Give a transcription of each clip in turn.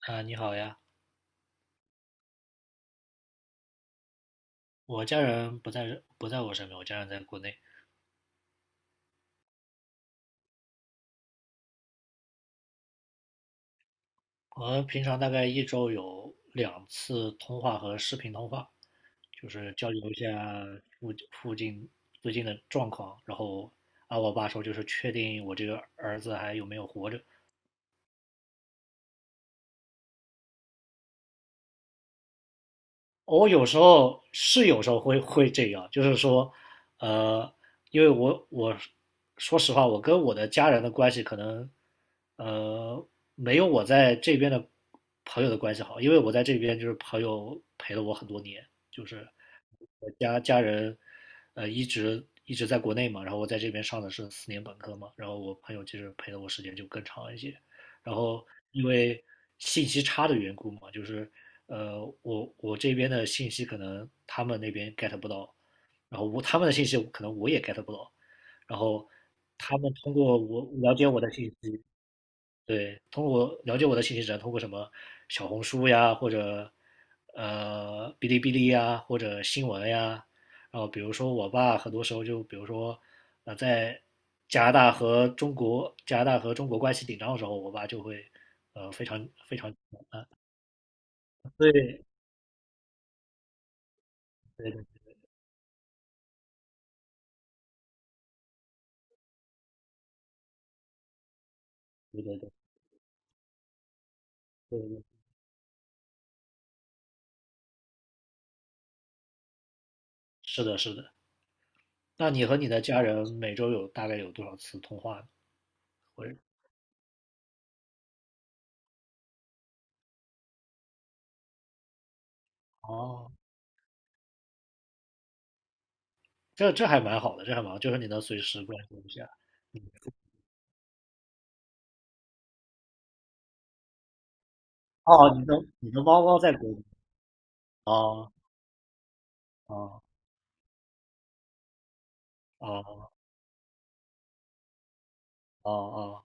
啊，你好呀，我家人不在我身边，我家人在国内。我们平常大概一周有2次通话和视频通话，就是交流一下附近最近的状况。然后啊，我爸说就是确定我这个儿子还有没有活着。我有时候会这样，就是说，呃，因为我说实话，我跟我的家人的关系可能，呃，没有我在这边的朋友的关系好，因为我在这边就是朋友陪了我很多年，就是我家人，一直在国内嘛，然后我在这边上的是四年本科嘛，然后我朋友其实陪了我时间就更长一些，然后因为信息差的缘故嘛，就是我这边的信息可能他们那边 get 不到，然后我他们的信息可能我也 get 不到，然后他们通过我了解我的信息，对，通过了解我的信息只能通过什么小红书呀，或者哔哩哔哩呀，或者新闻呀，然后比如说我爸很多时候就比如说在加拿大和中国关系紧张的时候，我爸就会非常非常对对对对对对对。是的，是的。那你和你的家人每周有大概有多少次通话呢？或者哦，这还蛮好的，这还蛮好，就是你能随时关心一下。哦，你的猫猫在国内。哦哦哦哦哦，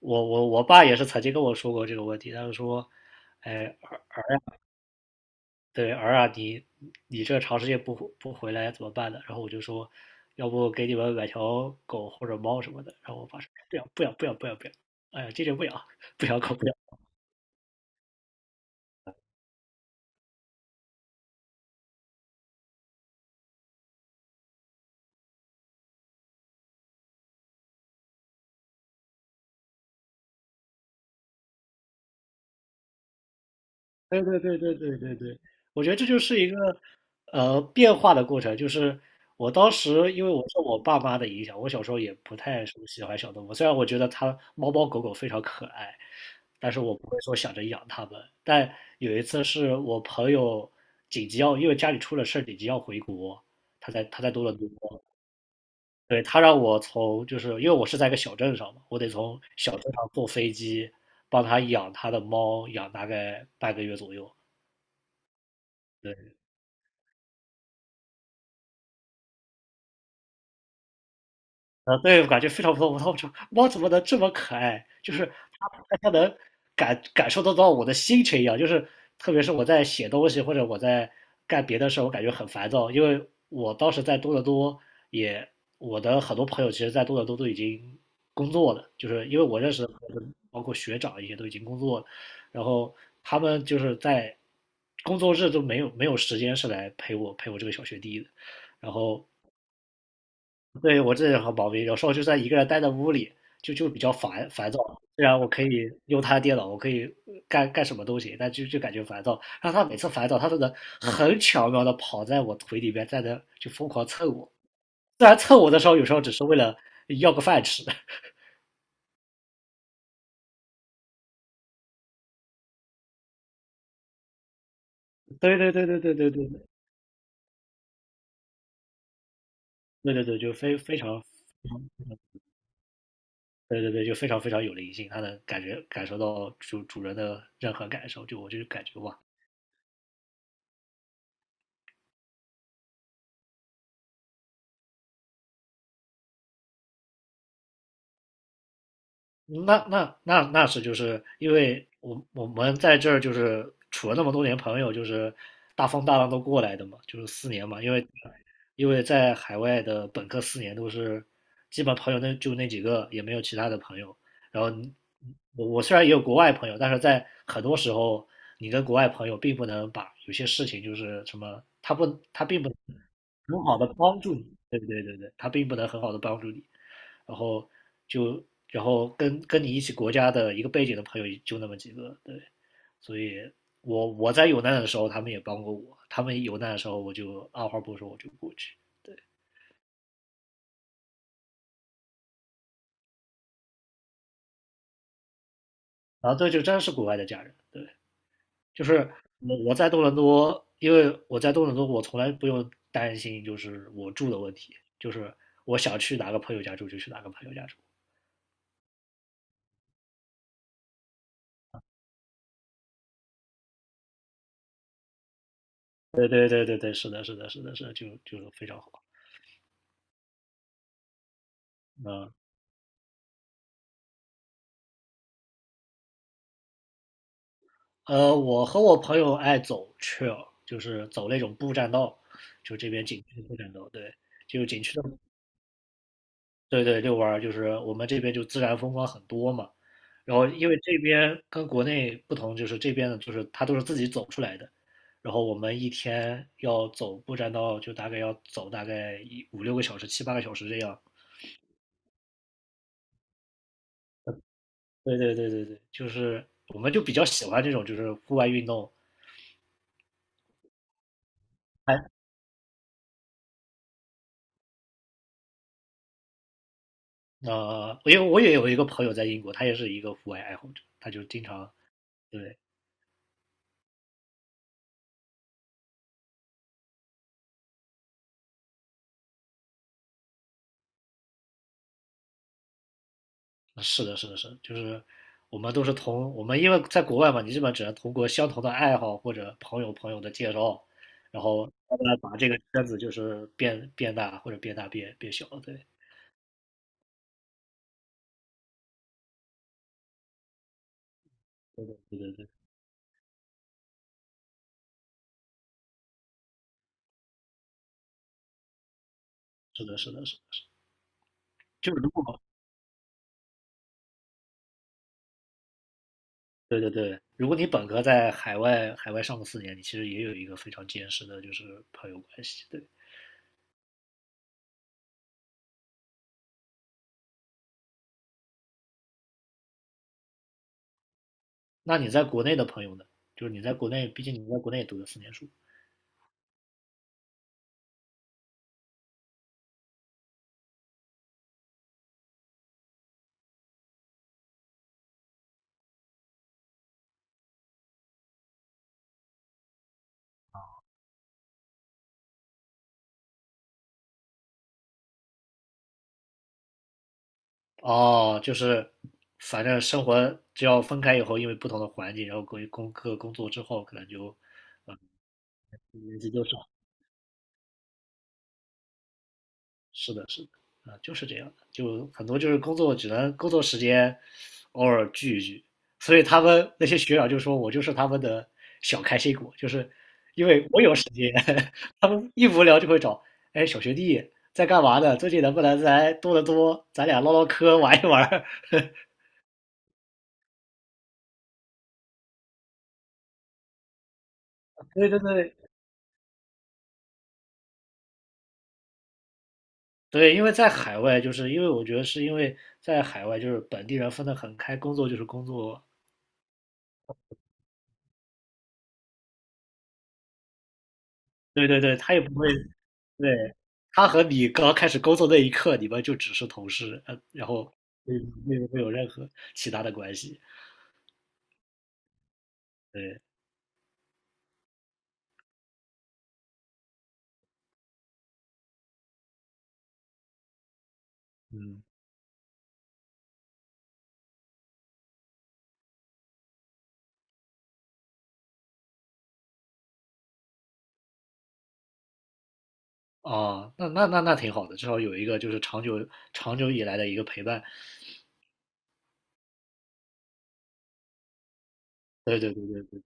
我爸也是曾经跟我说过这个问题，他就说，哎，儿对儿啊，你这长时间不回来怎么办呢？然后我就说，要不给你们买条狗或者猫什么的。然后我爸说，不要不要不要不要不要，哎呀，坚决不要，不要狗不要。对对对对对对对，我觉得这就是一个变化的过程。就是我当时因为我受我爸妈的影响，我小时候也不太说喜欢小动物，虽然我觉得它猫猫狗狗非常可爱，但是我不会说想着养它们。但有一次是我朋友紧急要，因为家里出了事儿，紧急要回国，他在多伦多，对，他让我从就是因为我是在一个小镇上嘛，我得从小镇上坐飞机帮他养他的猫，养大概半个月左右。对。对，我感觉非常不错。我操，这猫怎么能这么可爱？就是它能感受得到我的心情一样。就是特别是我在写东西或者我在干别的事儿，我感觉很烦躁，因为我当时在多伦多也，我的很多朋友其实，在多伦多都已经工作了，就是因为我认识的朋友们包括学长一些都已经工作了，然后他们就是在工作日都没有时间是来陪我这个小学弟的，然后对，我这人很毛病，有时候就算一个人待在屋里，就比较烦躁。虽然我可以用他的电脑，我可以干什么都行，但就感觉烦躁。然后他每次烦躁，他都能很巧妙的跑在我腿里边，在那就疯狂蹭我。虽然蹭我的时候，有时候只是为了要个饭吃。对对对对对对对对对对对，就非常对对对，就非常非常有灵性，他能感受到主人的任何感受，就我就感觉哇，那是就是因为我们在这儿就是处了那么多年朋友，就是大风大浪都过来的嘛，就是四年嘛，因为在海外的本科四年都是基本朋友那就那几个，也没有其他的朋友。然后我虽然也有国外朋友，但是在很多时候，你跟国外朋友并不能把有些事情就是什么，他并不能很好的帮助你，对对对对，他并不能很好的帮助你。然后就然后跟你一起国家的一个背景的朋友就那么几个，对，所以我在有难的时候他们也帮过我，他们有难的时候我就二话不说我就过去，对，然后这就真是国外的家人，对，就是我在多伦多，因为我在多伦多我从来不用担心就是我住的问题，就是我想去哪个朋友家住就去哪个朋友家住，对对对对对，是的是的是的是的，就非常好，嗯。我和我朋友爱走 trail，就是走那种步栈道，就这边景区的步栈道，对，就景区的，对对，遛弯儿，就是我们这边就自然风光很多嘛。然后因为这边跟国内不同，就是这边的就是它都是自己走出来的，然后我们一天要走步栈道，就大概要走大概一五六个小时、7、8个小时这样。对对对对对，就是我们就比较喜欢这种就是户外运动，因为我也有一个朋友在英国，他也是一个户外爱好者，他就经常对，是的，是的，是的就是我们都是同我们因为在国外嘛，你基本只能通过相同的爱好或者朋友的介绍，然后慢慢把这个圈子就是变大或者变大变小，对，对对对对对，是的，是的，是的就是如果对对对，如果你本科在海外上个四年，你其实也有一个非常坚实的就是朋友关系，对。那你在国内的朋友呢？就是你在国内，毕竟你在国内也读了四年书。哦，就是反正生活只要分开以后，因为不同的环境，然后各工作之后，可能就联系就少。是的，是的，啊、就是这样的，就很多就是工作只能工作时间偶尔聚一聚，所以他们那些学长就说我就是他们的小开心果，就是因为我有时间，他们一无聊就会找，哎，小学弟在干嘛呢？最近能不能来多得多，咱俩唠唠嗑，玩一玩 对对对对，因为在海外，就是因为我觉得是因为在海外，就是本地人分得很开，工作就是工作，对对对，他也不会对，他和你刚开始工作那一刻，你们就只是同事，然后没没有任何其他的关系。对，嗯，哦，那挺好的，至少有一个就是长久以来的一个陪伴。对对对对对，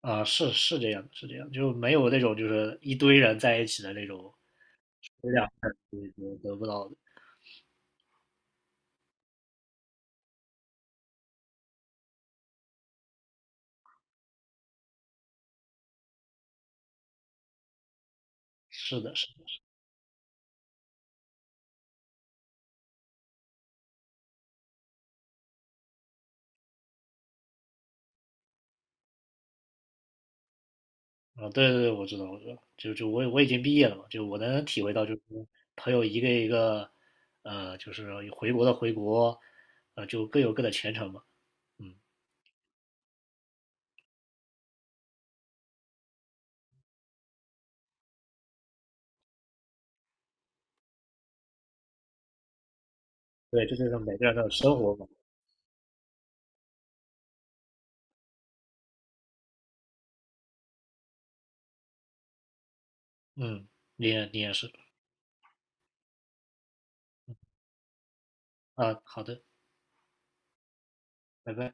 啊，是这样的是这样，就没有那种就是一堆人在一起的那种有点儿对对得不到的。是的，是。啊，对对对，我知道，我知道，就我已经毕业了嘛，就我能体会到，就是朋友一个一个，就是回国的回国，就各有各的前程嘛，嗯，对，这就是每个人的生活嘛，嗯，你也是啊，好的，拜拜。